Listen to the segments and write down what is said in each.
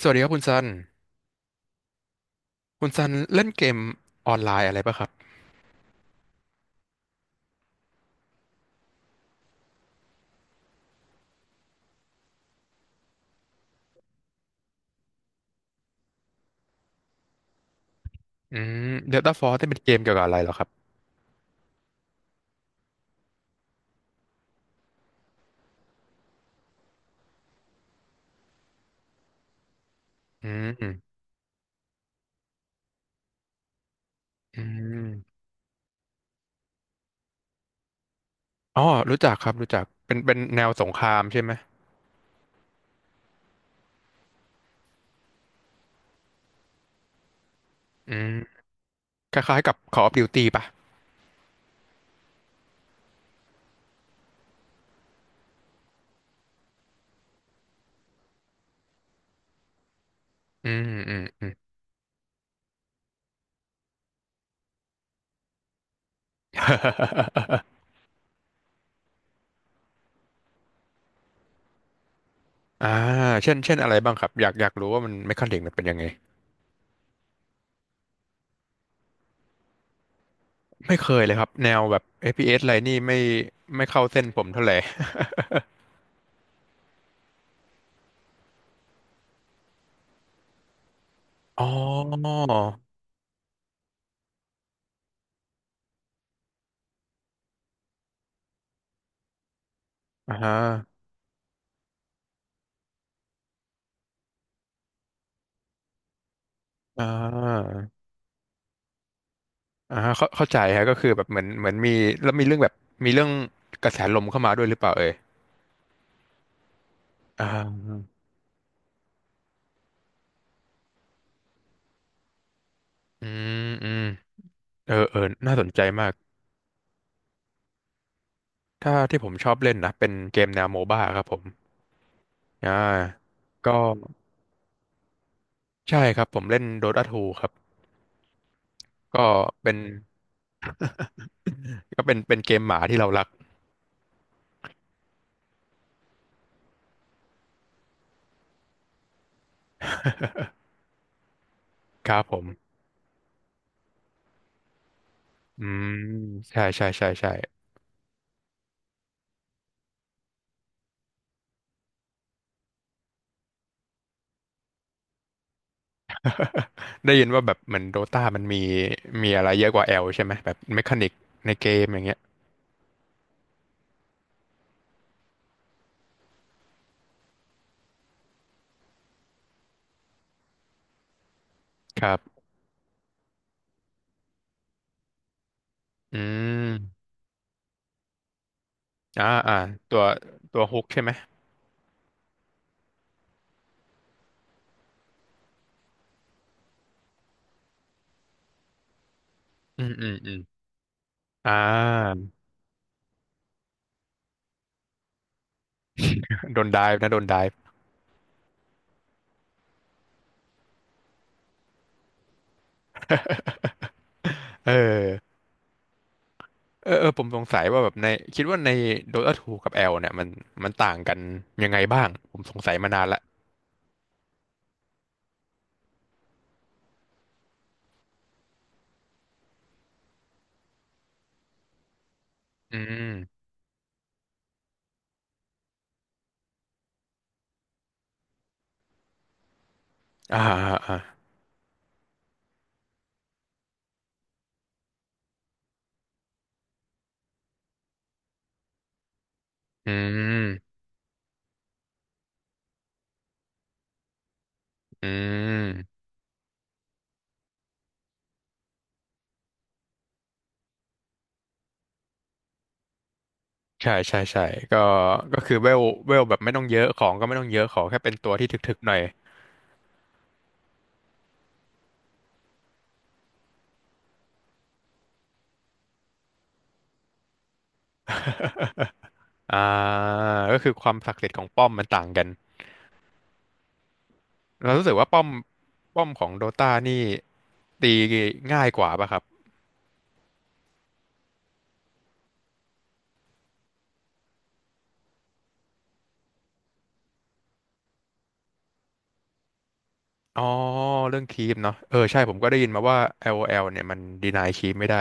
สวัสดีครับคุณซัน คุณซันเล่นเกมออนไลน์อะไรป่ะครับอืม Delta Force นี่เป็นเกมเกี่ยวกับอะไรเหรอครับอืมอืมอ๋อรู้จักครับรู้จักเป็นแนวสงครามใช่ไหมอืมคล้ายๆกับ Call of Duty ป่ะอืมอืมอืม อ่าเช่นอะไรบ้างครับอยากรู้ว่ามันเมคานิกมันเป็นยังไงไม่เคยเลยครับแนวแบบเอฟพีเอสอะไรนี่ไม่ไม่เข้าเส้นผมเท่าไหร่ อ๋ออ่าฮะอ่า อ่าฮะเข้าใจฮะก็คือแบบเหมือนมีแล้วมีเรื่องแบบมีเรื่องกระแสลมเข้ามาด้วยหรือเปล่าเอ่ยอ่าอืมอืมเออเออน่าสนใจมากถ้าที่ผมชอบเล่นนะเป็นเกมแนวโมบ้าครับผมอ่าก็ใช่ครับผมเล่น Dota 2ครับก็เป็น ก็เป็นเกมหมาที่เรารัก ครับผมอืมใช่ใช่ใช่ใช่ได้ยินว่าแบบเหมือนโดตามันมีมีอะไรเยอะกว่าแอลใช่ไหมแบบเมคานิกในเกมอย่างเงี้ยครับ อืมอ่าอ่าตัวฮุกใช่ไหมอืมอืมอืมอ่าโดนไดฟ์นะโดนไดฟ์ เออเออเออผมสงสัยว่าแบบในคิดว่าใน Dota ทูกับ L เนี่ยมัน มันต่างกันยังไงบ้างผมสงสัยมานานละอืมอ่าอ่าอ่าอืมอืมใช่ใช่ใช่ก็ก็คือเวลเวลแบบไม่ต้องเยอะของก็ไม่ต้องเยอะขอแค่เป็นตัวที่ถึกๆหน่อยอ่าก็คือความศักดิ์สิทธิ์ของป้อมมันต่างกัน เรารู้สึกว่าป้อมป้อมของโดตานี่ตีง่ายกว่าป่ะครับ อ๋อเรื่องคีปเนาะเออใช่ผมก็ได้ยินมาว่า LOL เนี่ยมันดีนายคีปไม่ได้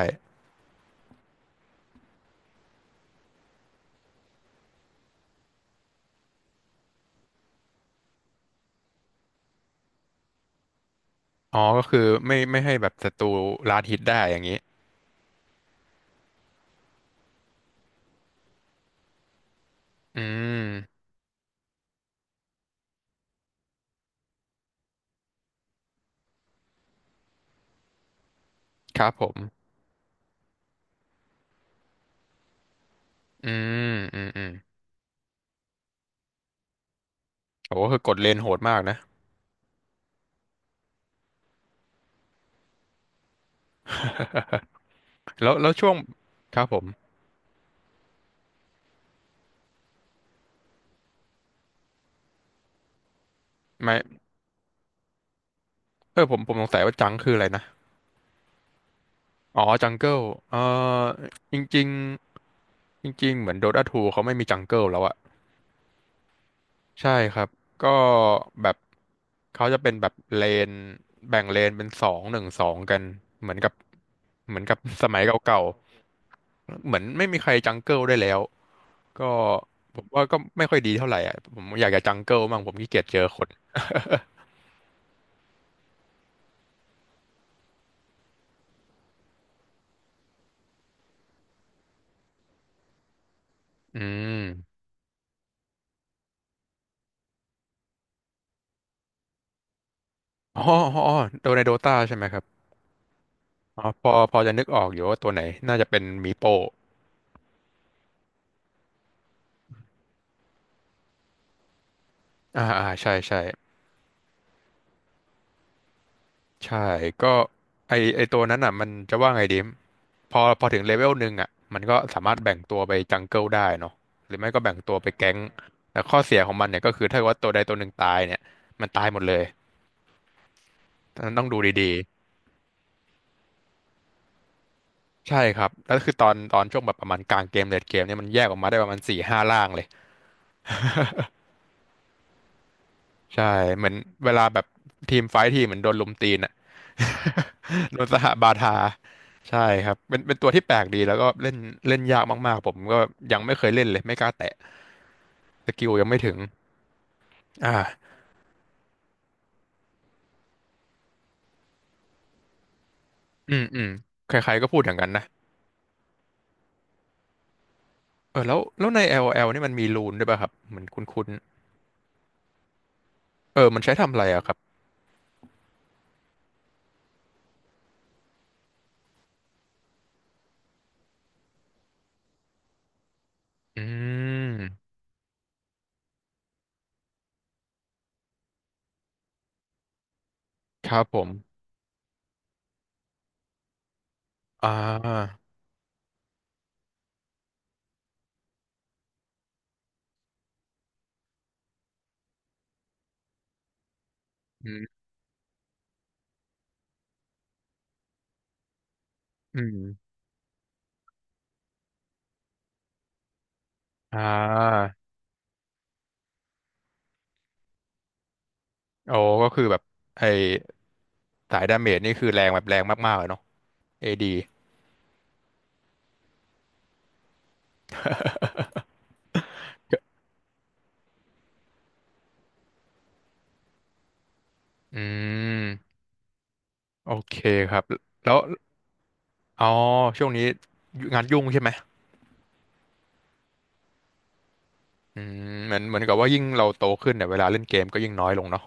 อ๋อก็คือไม่ไม่ให้แบบศัตรูลาดฮิตได้อย่างนี้ อืมครับผมอืมอืมอืมโอ้คือกดเลนโหดมากนะแล้วแล้วช่วงครับผมไม่เออผมผมสงสัยว่าจังคืออะไรนะอ๋อจังเกิลเออจริงๆจริงๆเหมือนโดตาูเขาไม่มีจังเกิลแล้วอะ ใช่ครับก็แบบเขาจะเป็นแบบเลนแบ่งเลนเป็นสองหนึ่งสองกันเหมือนกับเหมือนกับ สมัยเก่าๆเหมือนไม่มีใครจังเกิลได้แล้วก็ผมว่าก็ไม่ค่อยดีเท่าไหร่อ่ะผมอยากจะจังเกิลมั่งผมขี้เกียจเจอคนอืมอ๋ออ๋ออ๋อโดในโดตาใช่ไหมครับอ๋อพอจะนึกออกอยู่ว่าตัวไหนน่าจะเป็นมีโปอ่าอ่าใช่ใช่ ใช่ก็ไอไอตัวนั้นอ่ะมันจะว่าไงดีพอถึงเลเวลหนึ่งอ่ะมันก็สามารถแบ่งตัวไปจังเกิลได้เนาะหรือไม่ก็แบ่งตัวไปแก๊งแต่ข้อเสียของมันเนี่ยก็คือถ้าเกิดว่าตัวใดตัวหนึ่งตายเนี่ยมันตายหมดเลยนั้นต้องดูดีๆใช่ครับแล้วคือตอนช่วงแบบประมาณกลางเกมเลดเกมเนี่ยมันแยกออกมาได้ประมาณสี่ห้าล่างเลย ใช่เหมือนเวลาแบบทีมไฟท์ทีเหมือนโดนลุมตีนอ่ะ โดนสหบาทาใช่ครับเป็นตัวที่แปลกดีแล้วก็เล่นเล่นยากมากๆผมก็ยังไม่เคยเล่นเลยไม่กล้าแตะสกิลยังไม่ถึงอ่าอืมอืมใครๆก็พูดอย่างนั้นนะเออแล้วแล้วใน LOL นี่มันมีรูนด้วยป่ะครับเหมือนคุ้นๆเออมันใช้ทำอะไรอะครับอืมครับผมอ่าอืมอืมอ่า โอ้ก็คือแบบไอ้สายดาเมจนี่คือแรงแบบแรงมากๆเลยเนาะ AD อดีอืมโอเคครับแล้วอ๋อช่วงนี้งานยุ่งใช่ไหมอืมเหมือนเหมือนกับว่ายิ่งเราโตขึ้นเนี่ยเวลาเล่นเกมก็ยิ่งน้อยลงเนาะ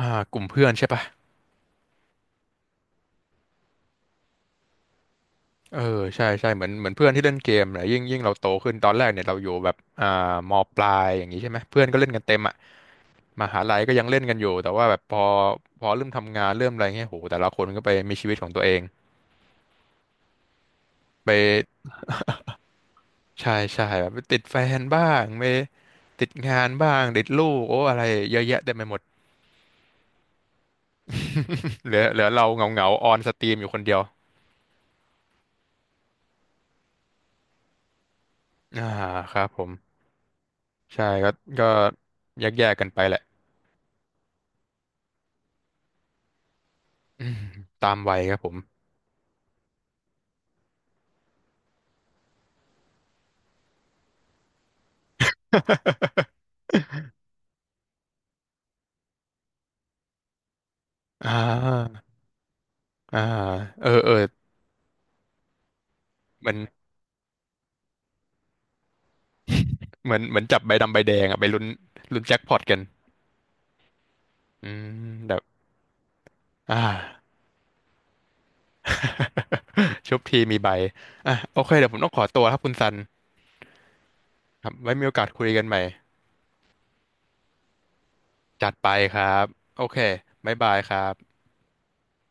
อ่ากลุ่มเพื่อนใช่ปะเออใช่ใช่เหมือนเหมือนเพื่อนที่เล่นเกมเนี่ยยิ่งยิ่งเราโตขึ้นตอนแรกเนี่ยเราอยู่แบบอ่ามปลายอย่างนี้ใช่ไหมเพื่อนก็เล่นกันเต็มอะมหาลัยก็ยังเล่นกันอยู่แต่ว่าแบบพอพอเริ่มทำงานเริ่มอะไรเงี้ยโหแต่ละคนก็ไปมีชีวิตของตัวเองไป ใช่ใช่แบบติดแฟนบ้างไม่ติดงานบ้างติดลูกโอ้อะไรเยอะแยะเต็มไปหมด เหลือเหลือเราเหงาเหงาออนสตรีมอยู่คนเดียวอ่าครับผมใช่ก็ก็แยกแยกกันไปแหละ อืมตามวัยครับผม อ่าอ่าเออเออเหมือนเหมือนเหมือนจับใบดำใบแดงอะไปลุ้นลุ้นแจ็คพอตกันอืมแบบอ่า ชุบทีมีใบอ่ะโอเคเดี๋ยวผมต้องขอตัวครับคุณซันครับไว้มีโอกาสคุยกันใหม่ จัดไปครับโอเคบ๊ายบายครับ